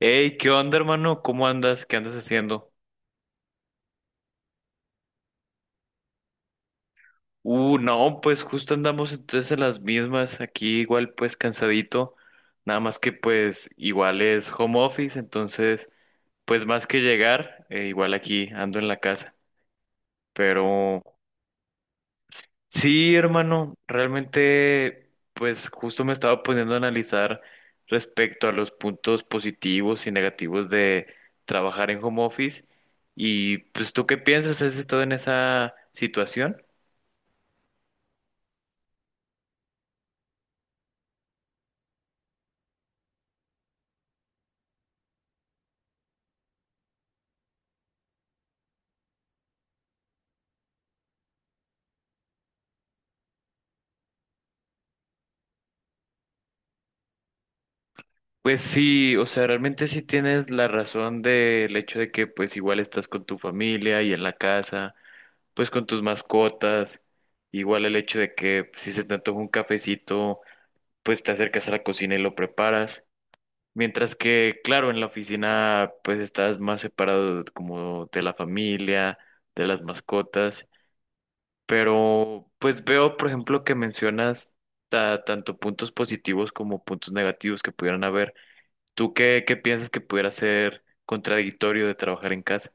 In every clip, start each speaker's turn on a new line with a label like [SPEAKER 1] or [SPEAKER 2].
[SPEAKER 1] Hey, ¿qué onda, hermano? ¿Cómo andas? ¿Qué andas haciendo? No, pues justo andamos entonces en las mismas, aquí igual pues cansadito, nada más que pues igual es home office, entonces pues más que llegar, igual aquí ando en la casa, pero sí, hermano, realmente pues justo me estaba poniendo a analizar respecto a los puntos positivos y negativos de trabajar en home office. Y pues ¿tú qué piensas? ¿Has estado en esa situación? Pues sí, o sea, realmente sí tienes la razón del hecho de que pues igual estás con tu familia y en la casa, pues con tus mascotas, igual el hecho de que si se te antoja un cafecito, pues te acercas a la cocina y lo preparas, mientras que claro, en la oficina pues estás más separado de- como de la familia, de las mascotas, pero pues veo, por ejemplo, que mencionas tanto puntos positivos como puntos negativos que pudieran haber. ¿Tú qué, qué piensas que pudiera ser contradictorio de trabajar en casa?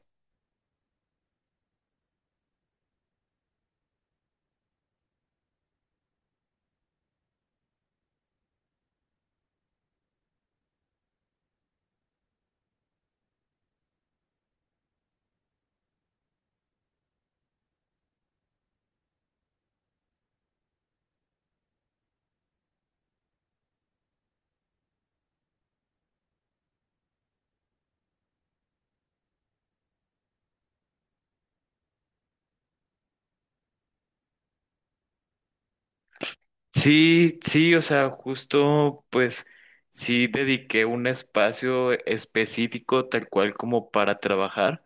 [SPEAKER 1] Sí, sí, o sea, justo pues sí dediqué un espacio específico tal cual como para trabajar.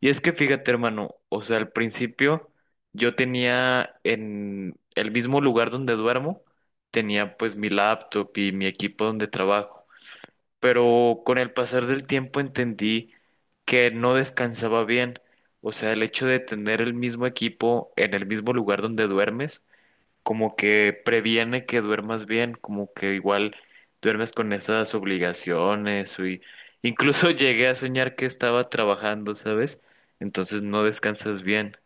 [SPEAKER 1] Y es que fíjate, hermano, o sea, al principio yo tenía en el mismo lugar donde duermo, tenía pues mi laptop y mi equipo donde trabajo. Pero con el pasar del tiempo entendí que no descansaba bien. O sea, el hecho de tener el mismo equipo en el mismo lugar donde duermes, como que previene que duermas bien, como que igual duermes con esas obligaciones y incluso llegué a soñar que estaba trabajando, ¿sabes? Entonces no descansas bien.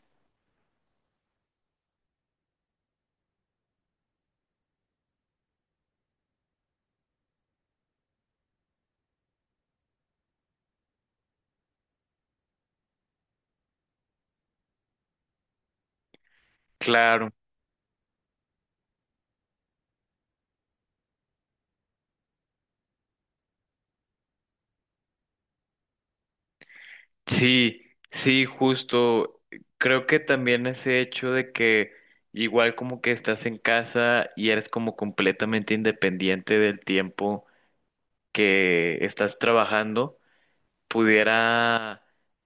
[SPEAKER 1] Claro. Sí, sí, justo. Creo que también ese hecho de que igual como que estás en casa y eres como completamente independiente del tiempo que estás trabajando, pudiera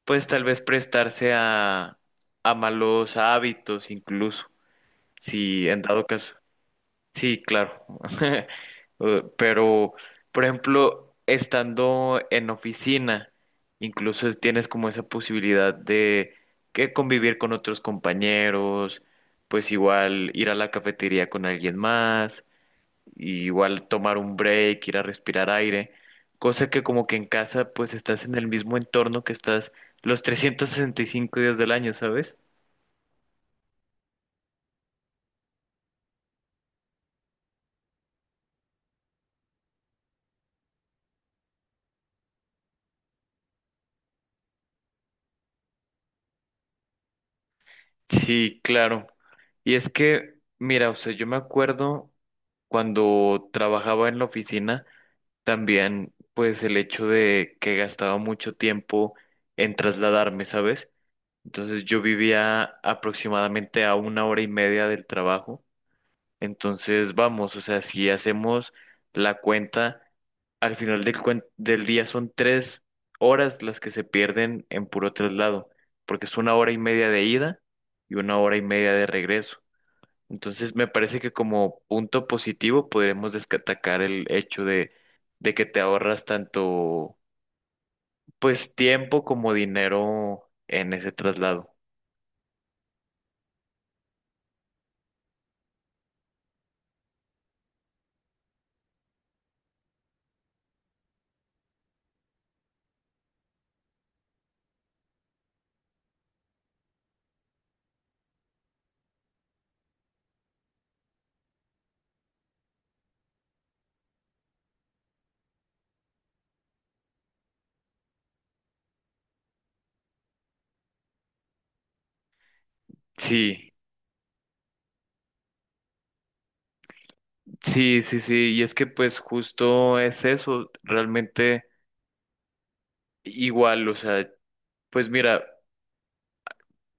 [SPEAKER 1] pues tal vez prestarse a malos hábitos incluso, si en dado caso. Sí, claro. Pero, por ejemplo, estando en oficina, incluso tienes como esa posibilidad de que convivir con otros compañeros, pues igual ir a la cafetería con alguien más, y igual tomar un break, ir a respirar aire, cosa que como que en casa pues estás en el mismo entorno que estás los 365 días del año, ¿sabes? Sí, claro. Y es que, mira, o sea, yo me acuerdo cuando trabajaba en la oficina, también, pues el hecho de que gastaba mucho tiempo en trasladarme, ¿sabes? Entonces yo vivía aproximadamente a una hora y media del trabajo. Entonces, vamos, o sea, si hacemos la cuenta, al final del, del día son tres horas las que se pierden en puro traslado, porque es una hora y media de ida y una hora y media de regreso. Entonces, me parece que como punto positivo podremos destacar el hecho de que te ahorras tanto, pues, tiempo como dinero en ese traslado. Sí, sí, y es que pues justo es eso, realmente. Igual, o sea, pues mira,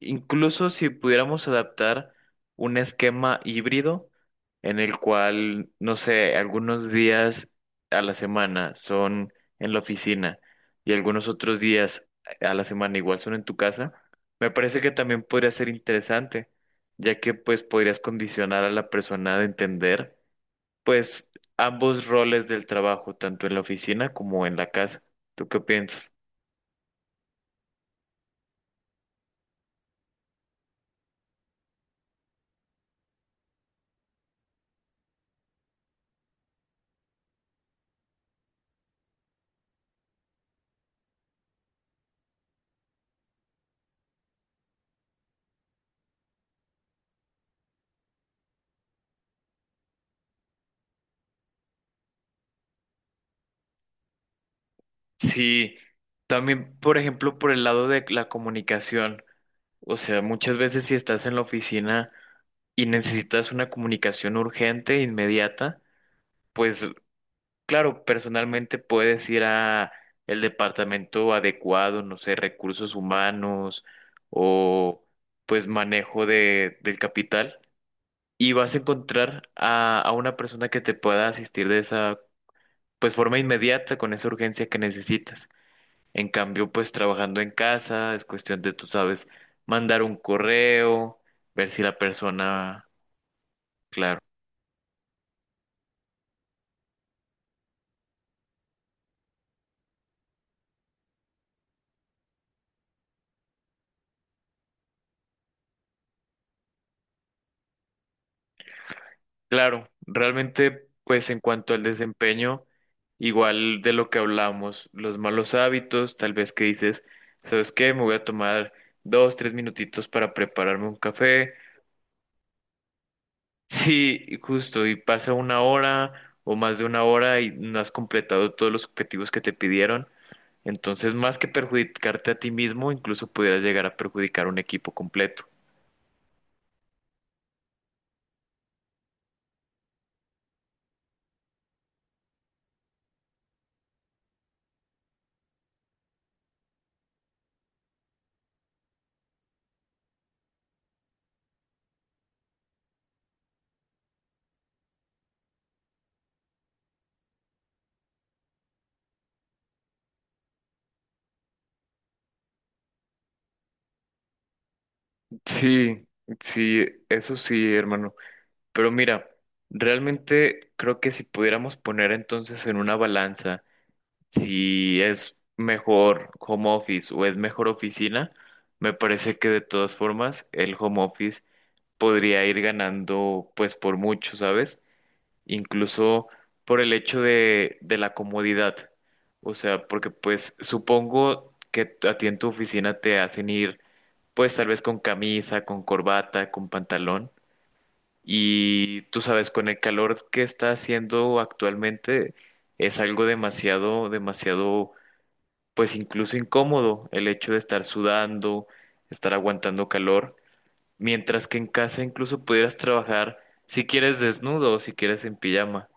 [SPEAKER 1] incluso si pudiéramos adaptar un esquema híbrido en el cual, no sé, algunos días a la semana son en la oficina y algunos otros días a la semana igual son en tu casa, me parece que también podría ser interesante, ya que pues podrías condicionar a la persona de entender pues ambos roles del trabajo, tanto en la oficina como en la casa. ¿Tú qué piensas? Sí, también, por ejemplo, por el lado de la comunicación. O sea, muchas veces si estás en la oficina y necesitas una comunicación urgente, inmediata, pues claro, personalmente puedes ir a el departamento adecuado, no sé, recursos humanos o pues manejo de, del capital y vas a encontrar a una persona que te pueda asistir de esa pues forma inmediata con esa urgencia que necesitas. En cambio, pues trabajando en casa es cuestión de, tú sabes, mandar un correo, ver si la persona, claro, claro, realmente, pues en cuanto al desempeño, igual de lo que hablamos, los malos hábitos, tal vez que dices, ¿sabes qué? Me voy a tomar dos, tres minutitos para prepararme un café. Sí, y justo, y pasa una hora o más de una hora y no has completado todos los objetivos que te pidieron. Entonces, más que perjudicarte a ti mismo, incluso pudieras llegar a perjudicar un equipo completo. Sí, sí, eso sí, hermano. Pero mira, realmente creo que si pudiéramos poner entonces en una balanza si es mejor home office o es mejor oficina, me parece que de todas formas el home office podría ir ganando pues por mucho, ¿sabes? Incluso por el hecho de la comodidad. O sea, porque pues supongo que a ti en tu oficina te hacen ir pues tal vez con camisa, con corbata, con pantalón. Y tú sabes, con el calor que está haciendo actualmente es algo demasiado, demasiado, pues incluso incómodo el hecho de estar sudando, estar aguantando calor. Mientras que en casa incluso pudieras trabajar si quieres desnudo o si quieres en pijama.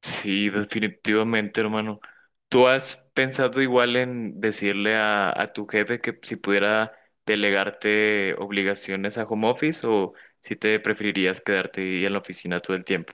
[SPEAKER 1] Sí, definitivamente, hermano. ¿Tú has pensado igual en decirle a tu jefe que si pudiera delegarte obligaciones a home office o si te preferirías quedarte ahí en la oficina todo el tiempo?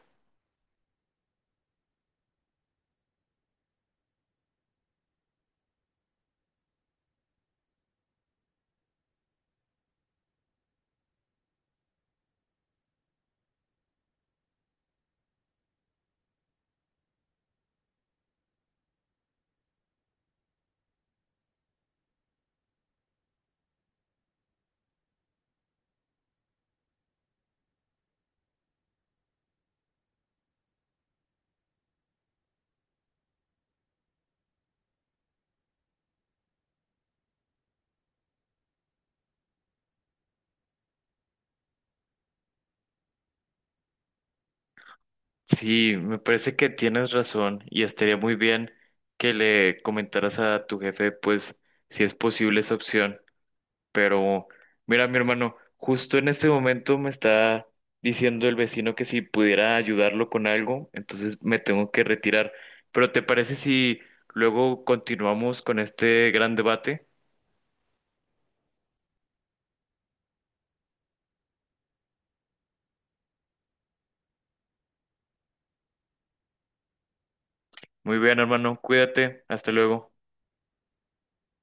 [SPEAKER 1] Sí, me parece que tienes razón y estaría muy bien que le comentaras a tu jefe, pues, si es posible esa opción. Pero mira, mi hermano, justo en este momento me está diciendo el vecino que si pudiera ayudarlo con algo, entonces me tengo que retirar. Pero ¿te parece si luego continuamos con este gran debate? Muy bien, hermano, cuídate, hasta luego.